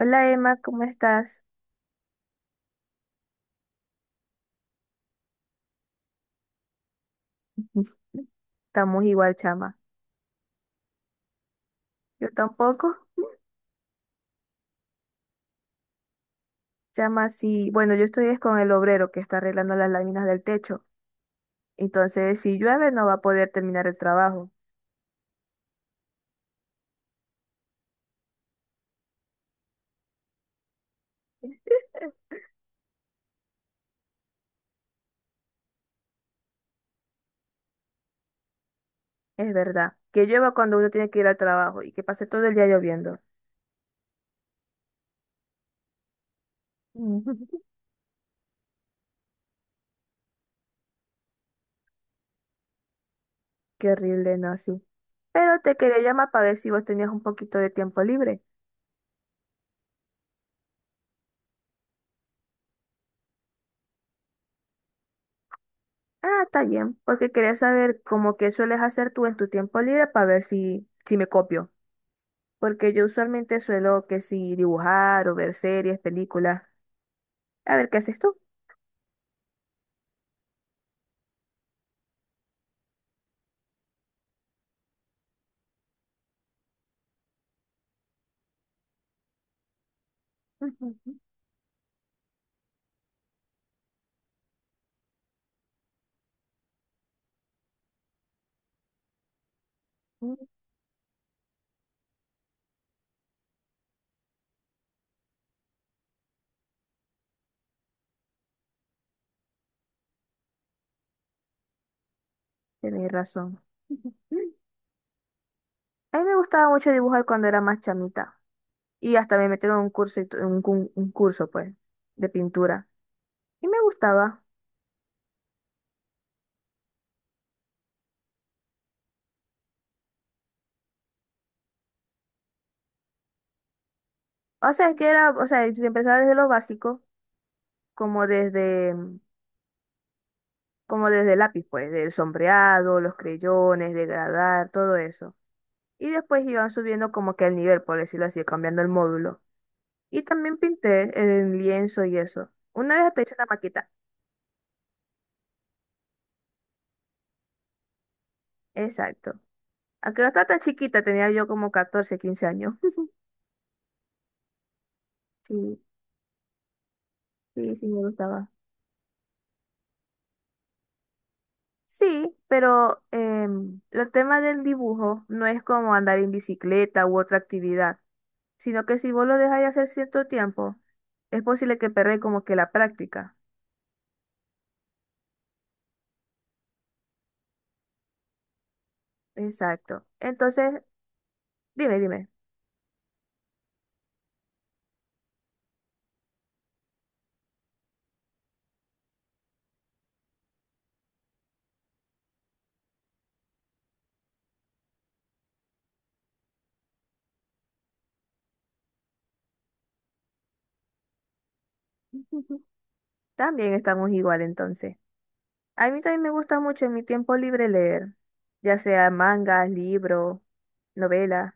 Hola Emma, ¿cómo estás? Estamos igual, chama. Yo tampoco. Chama, sí. Bueno, yo estoy es con el obrero que está arreglando las láminas del techo. Entonces, si llueve, no va a poder terminar el trabajo. Es verdad. Que llueva cuando uno tiene que ir al trabajo y que pase todo el día lloviendo. Mm. Qué horrible, ¿no? Sí. Pero te quería llamar para ver si vos tenías un poquito de tiempo libre. Ah, está bien, porque quería saber cómo que sueles hacer tú en tu tiempo libre para ver si me copio. Porque yo usualmente suelo que si dibujar o ver series, películas. A ver, ¿qué haces tú? Ujú, ujú. Tenés razón. Ujú. A mí me gustaba mucho dibujar cuando era más chamita. Y hasta me metieron en un curso, y un curso, pues, de pintura. Y me gustaba. O sea, es que era, o sea, si empezaba desde lo básico, como desde, como desde el lápiz, pues, del sombreado, los creyones, degradar, todo eso. Y después iban subiendo como que el nivel, por decirlo así, cambiando el módulo. Y también pinté en lienzo y eso. Una vez hasta hice una maqueta. Exacto. Aunque no estaba tan chiquita, tenía yo como 14 15 años. Sí, sí, sí me gustaba. Sí, pero el tema del dibujo no es como andar en bicicleta u otra actividad, sino que si vos lo dejáis hacer cierto tiempo, es posible que perdáis como que la práctica. Exacto. Entonces, dime, dime. También estamos igual entonces. A mí también me gusta mucho en mi tiempo libre leer, ya sea mangas, libros, novelas.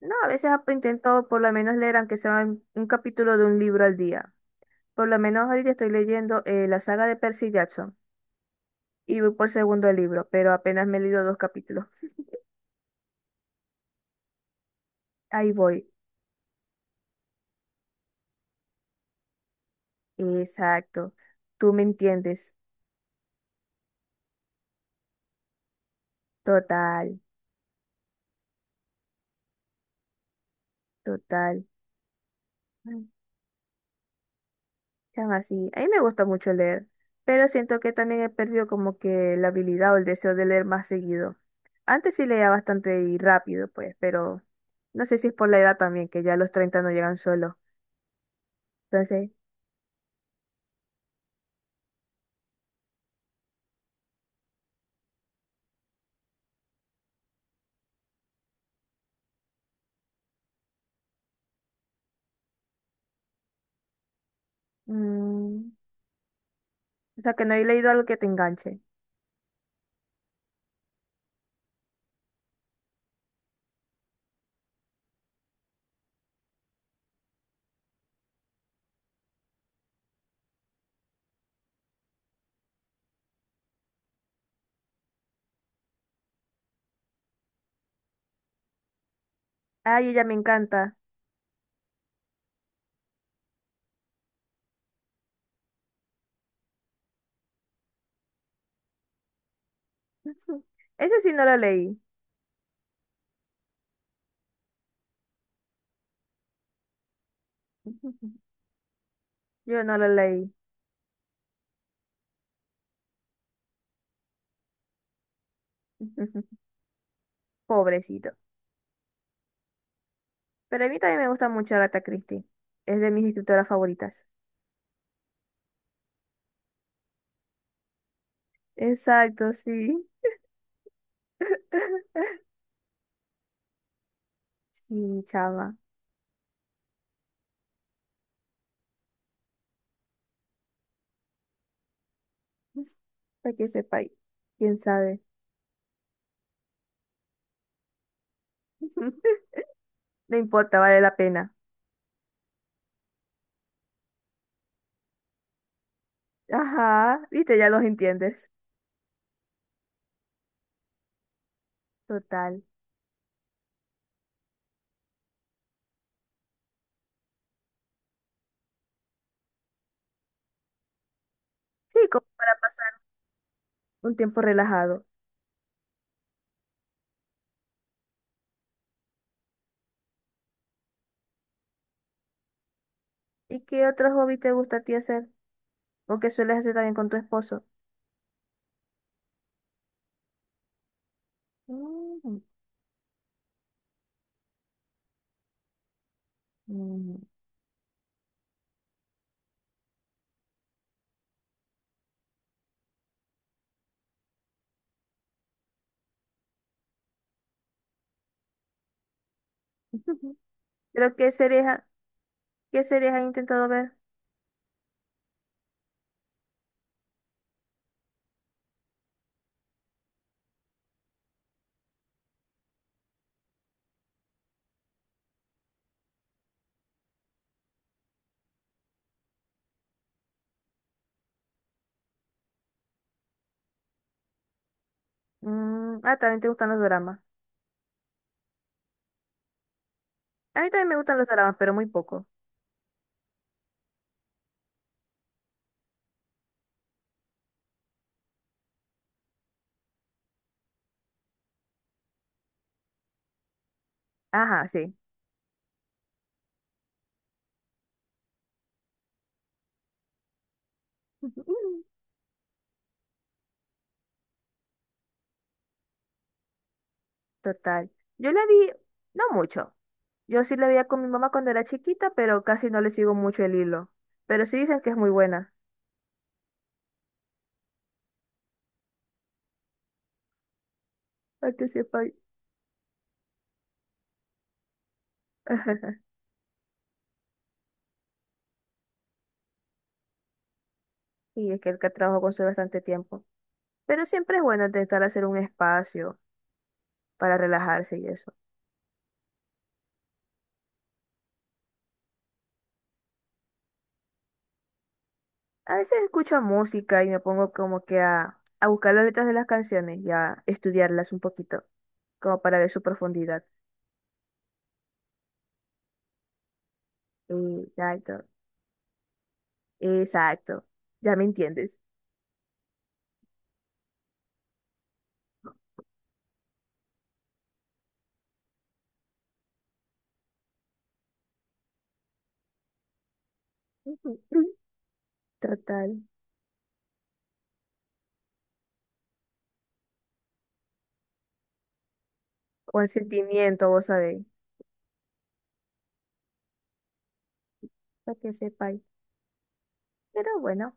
No, a veces intento por lo menos leer, aunque sea un capítulo de un libro al día. Por lo menos ahorita estoy leyendo la saga de Percy Jackson y voy por segundo libro, pero apenas me he leído dos capítulos. Ahí voy. Exacto. Tú me entiendes. Total, total. Chama, así. A mí me gusta mucho leer, pero siento que también he perdido como que la habilidad o el deseo de leer más seguido. Antes sí leía bastante y rápido, pues, pero no sé si es por la edad también, que ya los treinta no llegan solos. Entonces, mm, o sea, que no he leído algo que te enganche. Ay, ella me encanta. Ese sí no lo leí. Yo no lo leí. Pobrecito. Pero a mí también me gusta mucho Agatha Christie. Es de mis escritoras favoritas. Exacto, sí. Sí, chava. Para que sepáis. Quién sabe. No importa, vale la pena. Ajá, viste, ya los entiendes. Total. Sí, como para pasar un tiempo relajado. ¿Y qué otro hobby te gusta a ti hacer? ¿O qué sueles hacer también con tu esposo? Mm, mm. ¿Pero qué series, qué series has intentado ver? Mm, ah, también te gustan los dramas. A mí también me gustan los dramas, pero muy poco. Ajá, sí. Total. Yo la vi, no mucho. Yo sí la veía con mi mamá cuando era chiquita, pero casi no le sigo mucho el hilo. Pero sí dicen que es muy buena. Para que sepa. Y es que el que trabajo consume bastante tiempo. Pero siempre es bueno intentar hacer un espacio para relajarse y eso. A veces escucho música y me pongo como que a buscar las letras de las canciones y a estudiarlas un poquito, como para ver su profundidad. Exacto, exacto. Ya me entiendes. Total. O el sentimiento, vos sabéis. Para que sepáis. Pero bueno.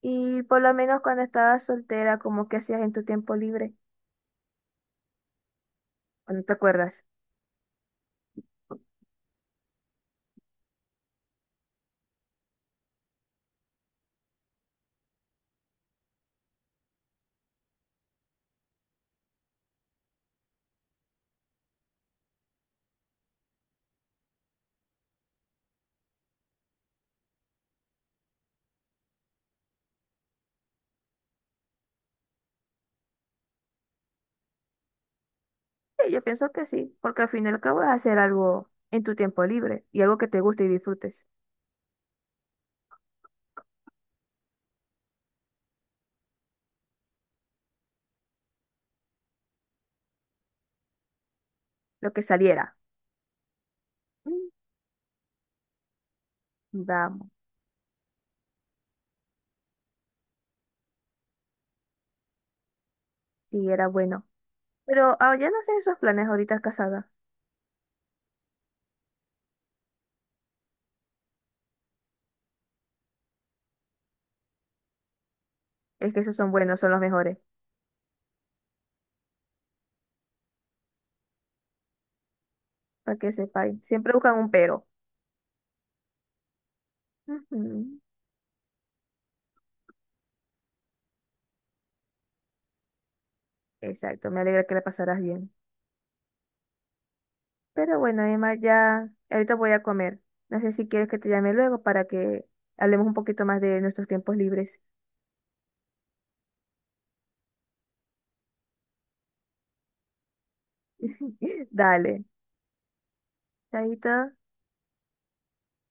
Y por lo menos cuando estabas soltera, ¿como que hacías en tu tiempo libre? ¿O no te acuerdas? Sí, yo pienso que sí, porque al fin y al cabo es hacer algo en tu tiempo libre y algo que te guste y disfrutes, lo que saliera. Mm. Y vamos, sí, era bueno. Pero ah, ya no sé esos planes ahorita casada. Es que esos son buenos, son los mejores, para que sepáis. Siempre buscan un pero. Ujú. Exacto, me alegra que la pasaras bien. Pero bueno, además ya ahorita voy a comer. No sé si quieres que te llame luego para que hablemos un poquito más de nuestros tiempos libres. Dale. Chaito.